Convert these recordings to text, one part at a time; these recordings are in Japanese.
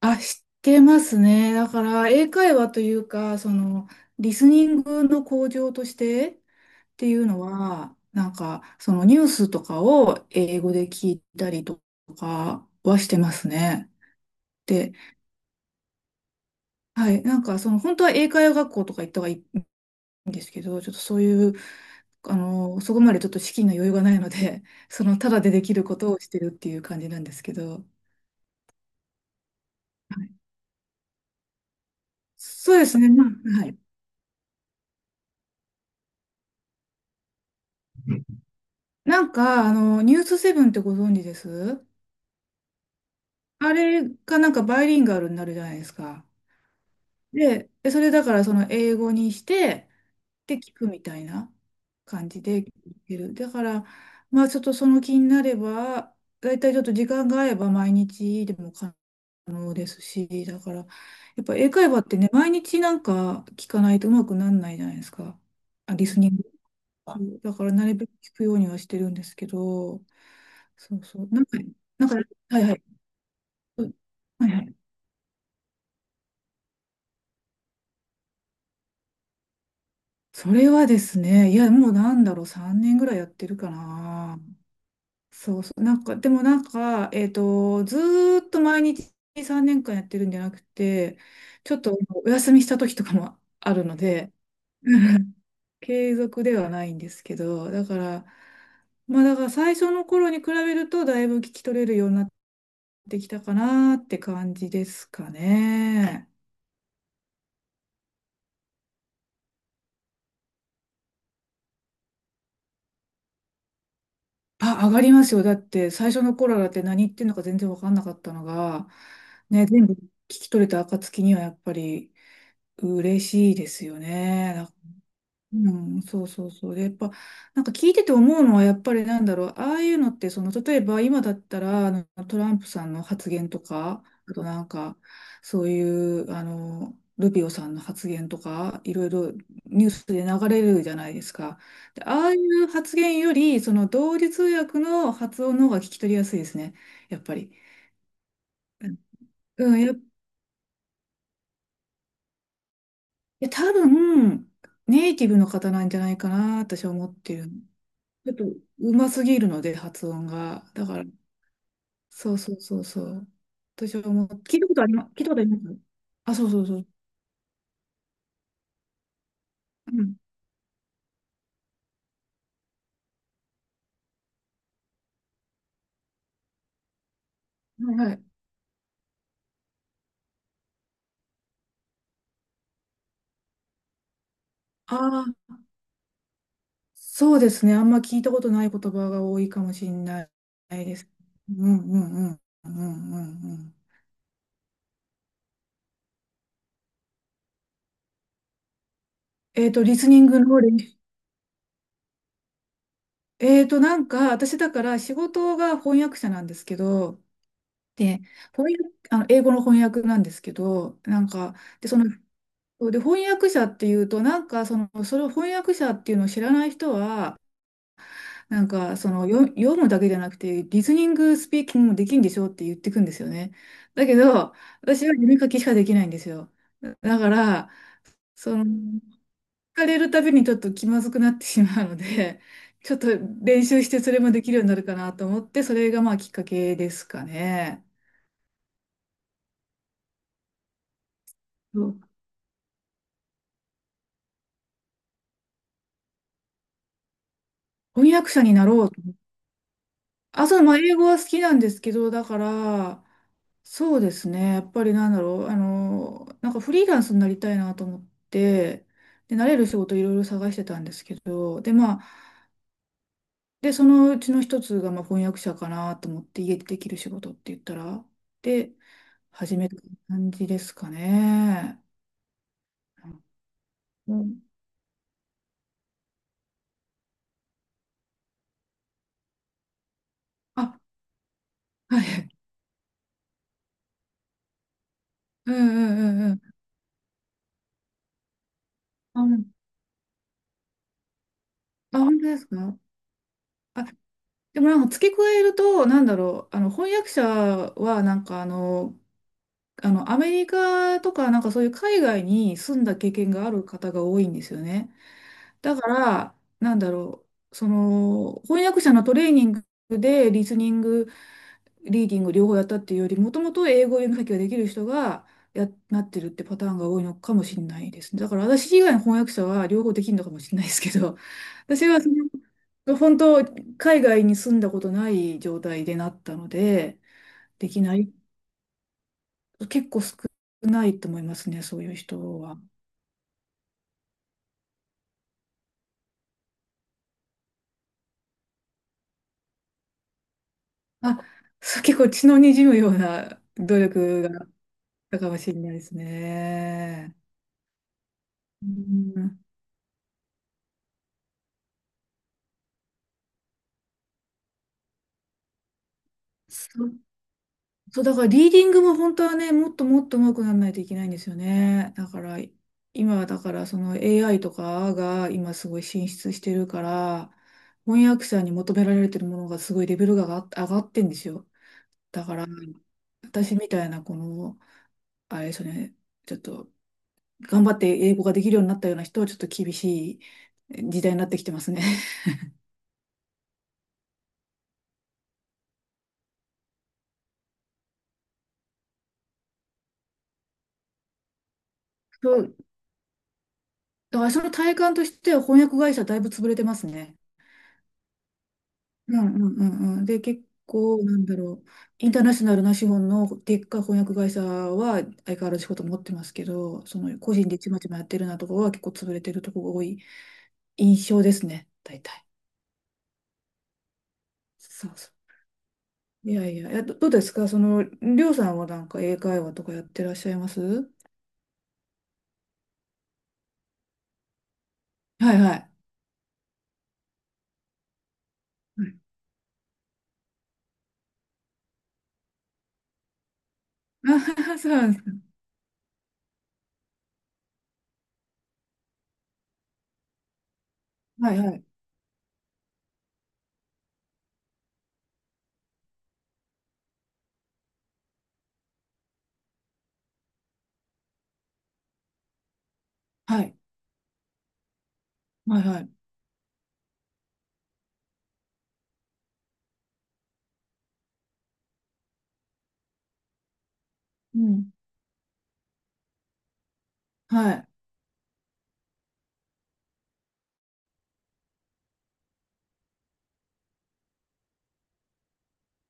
あ、知ってますね。だから、英会話というか、リスニングの向上としてっていうのは、ニュースとかを英語で聞いたりとかはしてますね。で、はい、本当は英会話学校とか行った方がいいんですけど、ちょっとそういう、あの、そこまでちょっと資金の余裕がないので、ただでできることをしてるっていう感じなんですけど、はい、そうですね、まあ、はい。ニュースセブンってご存知です？あれがバイリンガルになるじゃないですか。で、それだから英語にして、で、聞くみたいな感じで聞いてる。だから、まあちょっとその気になれば、だいたいちょっと時間が合えば毎日でも可能ですし、だから、やっぱ英会話ってね、毎日聞かないとうまくならないじゃないですか。あ、リスニング。だからなるべく聞くようにはしてるんですけど、そうそう。なんか、はいはい。うはいはい。それはですね、いや、もうなんだろう、3年ぐらいやってるかな。そうそう。でもずーっと毎日3年間やってるんじゃなくて、ちょっとお休みした時とかもあるので、継続ではないんですけど、だから、まあだから最初の頃に比べると、だいぶ聞き取れるようになってきたかなって感じですかね。あ、上がりますよ。だって最初の頃だって何言ってんのか全然わかんなかったのが、ね、全部聞き取れた暁にはやっぱり嬉しいですよね。うん、そうそうそう。で、やっぱ、聞いてて思うのは、やっぱりなんだろう、ああいうのって、例えば今だったら、トランプさんの発言とか、あとなんか、そういう、あの、ルビオさんの発言とか、いろいろニュースで流れるじゃないですか。で、ああいう発言より、同時通訳の発音の方が聞き取りやすいですね、やっぱり。うん、いや多分、ネイティブの方なんじゃないかな、私は思ってる。ちょっとうますぎるので、発音が。だから、そうそうそうそう。私はもう、聞いたことあります、聞いたことあります。あ、そうそうそう。うん。はいはい。ああ、そうですね。あんま聞いたことない言葉が多いかもしれないです。うんうんうんうんうんうん。リスニングの練習。私だから仕事が翻訳者なんですけど、で、翻訳、あの、英語の翻訳なんですけど、で、そうで、翻訳者っていうと、それを翻訳者っていうのを知らない人は、読むだけじゃなくて、リスニングスピーキングもできるんでしょって言ってくんですよね。だけど、私は読み書きしかできないんですよ。だから、聞かれるたびにちょっと気まずくなってしまうので、ちょっと練習してそれもできるようになるかなと思って、それがまあきっかけですかね。そう、翻訳者になろうと。あ、そう、まあ、英語は好きなんですけど、だから、そうですね。やっぱりなんだろう、フリーランスになりたいなと思って、で、慣れる仕事いろいろ探してたんですけど、で、まあ、で、そのうちの一つが、まあ、翻訳者かなと思って、家でできる仕事って言ったら、で、始めた感じですかね。うん。あ、はい。うんうんうんうん。あ、うん。あ、本当ですか？でも付け加えると、なんだろう、あの翻訳者はアメリカとかそういう海外に住んだ経験がある方が多いんですよね。だから、なんだろう、翻訳者のトレーニングでリスニング、リーディング両方やったっていうより、もともと英語読み書きができる人がなってるってパターンが多いのかもしれないですね。だから私以外の翻訳者 は両方できるのかもしれないですけど、私は本当、海外に住んだことない状態でなったので、できない、結構少ないと思いますね、そういう人は。あ、そう、結構血の滲むような努力がたかもしれないですね。うん。そ、そう、だからリーディングも本当はね、もっともっと上手くならないといけないんですよね。だから、今はだからAI とかが今すごい進出してるから、翻訳者に求められてるものがすごいレベルが上がってんですよ。だから、私みたいなあれですよね、ちょっと頑張って英語ができるようになったような人はちょっと厳しい時代になってきてますね。そう、あ、その体感としては翻訳会社だいぶ潰れてますね。うんうんうんうん。で、結構、なんだろう、インターナショナルな資本のでっかい翻訳会社は相変わらず仕事持ってますけど、その個人でちまちまやってるようなところは結構潰れてるところが多い印象ですね、大体。そうそう。いやいや、どうですかりょうさんは英会話とかやってらっしゃいます？はいはい。はい、あはは、 そうなんですか。はいはい。はい。はいはい。うん。はい。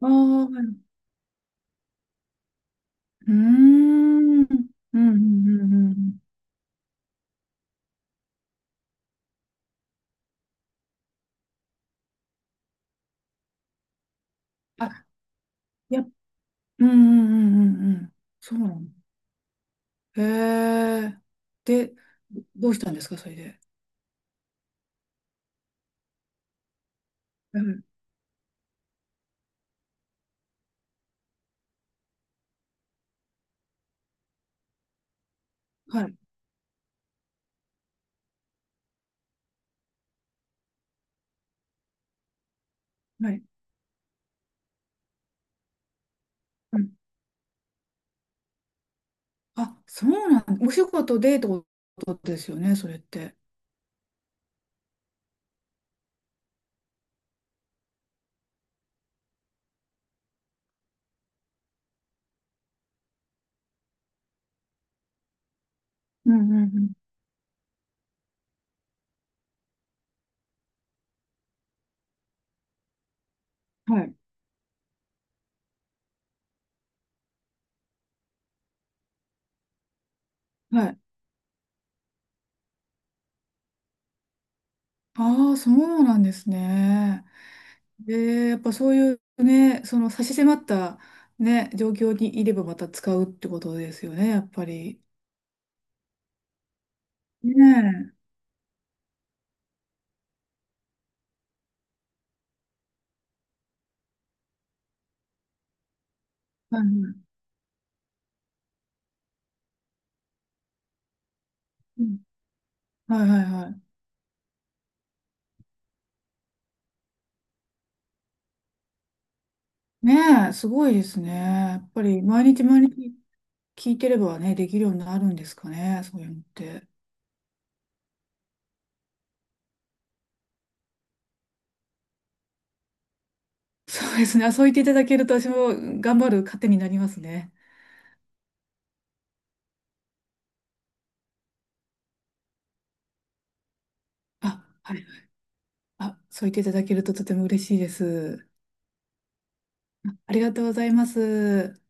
ああ、はい、うーん。うんうんうんうん。あ、やっ、うんうんうんうんうん。そうなの。へえ。で、どうしたんですか、それで。うん。はい。はい。うん。あ、そうなん、お仕事でってことですよね、それって。うんうんうん。はい。はい。ああ、そうなんですね。で、やっぱそういうね、その差し迫ったね、状況にいればまた使うってことですよね、やっぱり。ねえ。はい、うん、はい、はい、はい。ねえ、すごいですね。やっぱり毎日毎日聞いてればね、できるようになるんですかね、そういうのって。そうですね。あ、そう言っていただけると私も頑張る糧になりますね。あ、はい。あ、そう言っていただけるととても嬉しいです。ありがとうございます。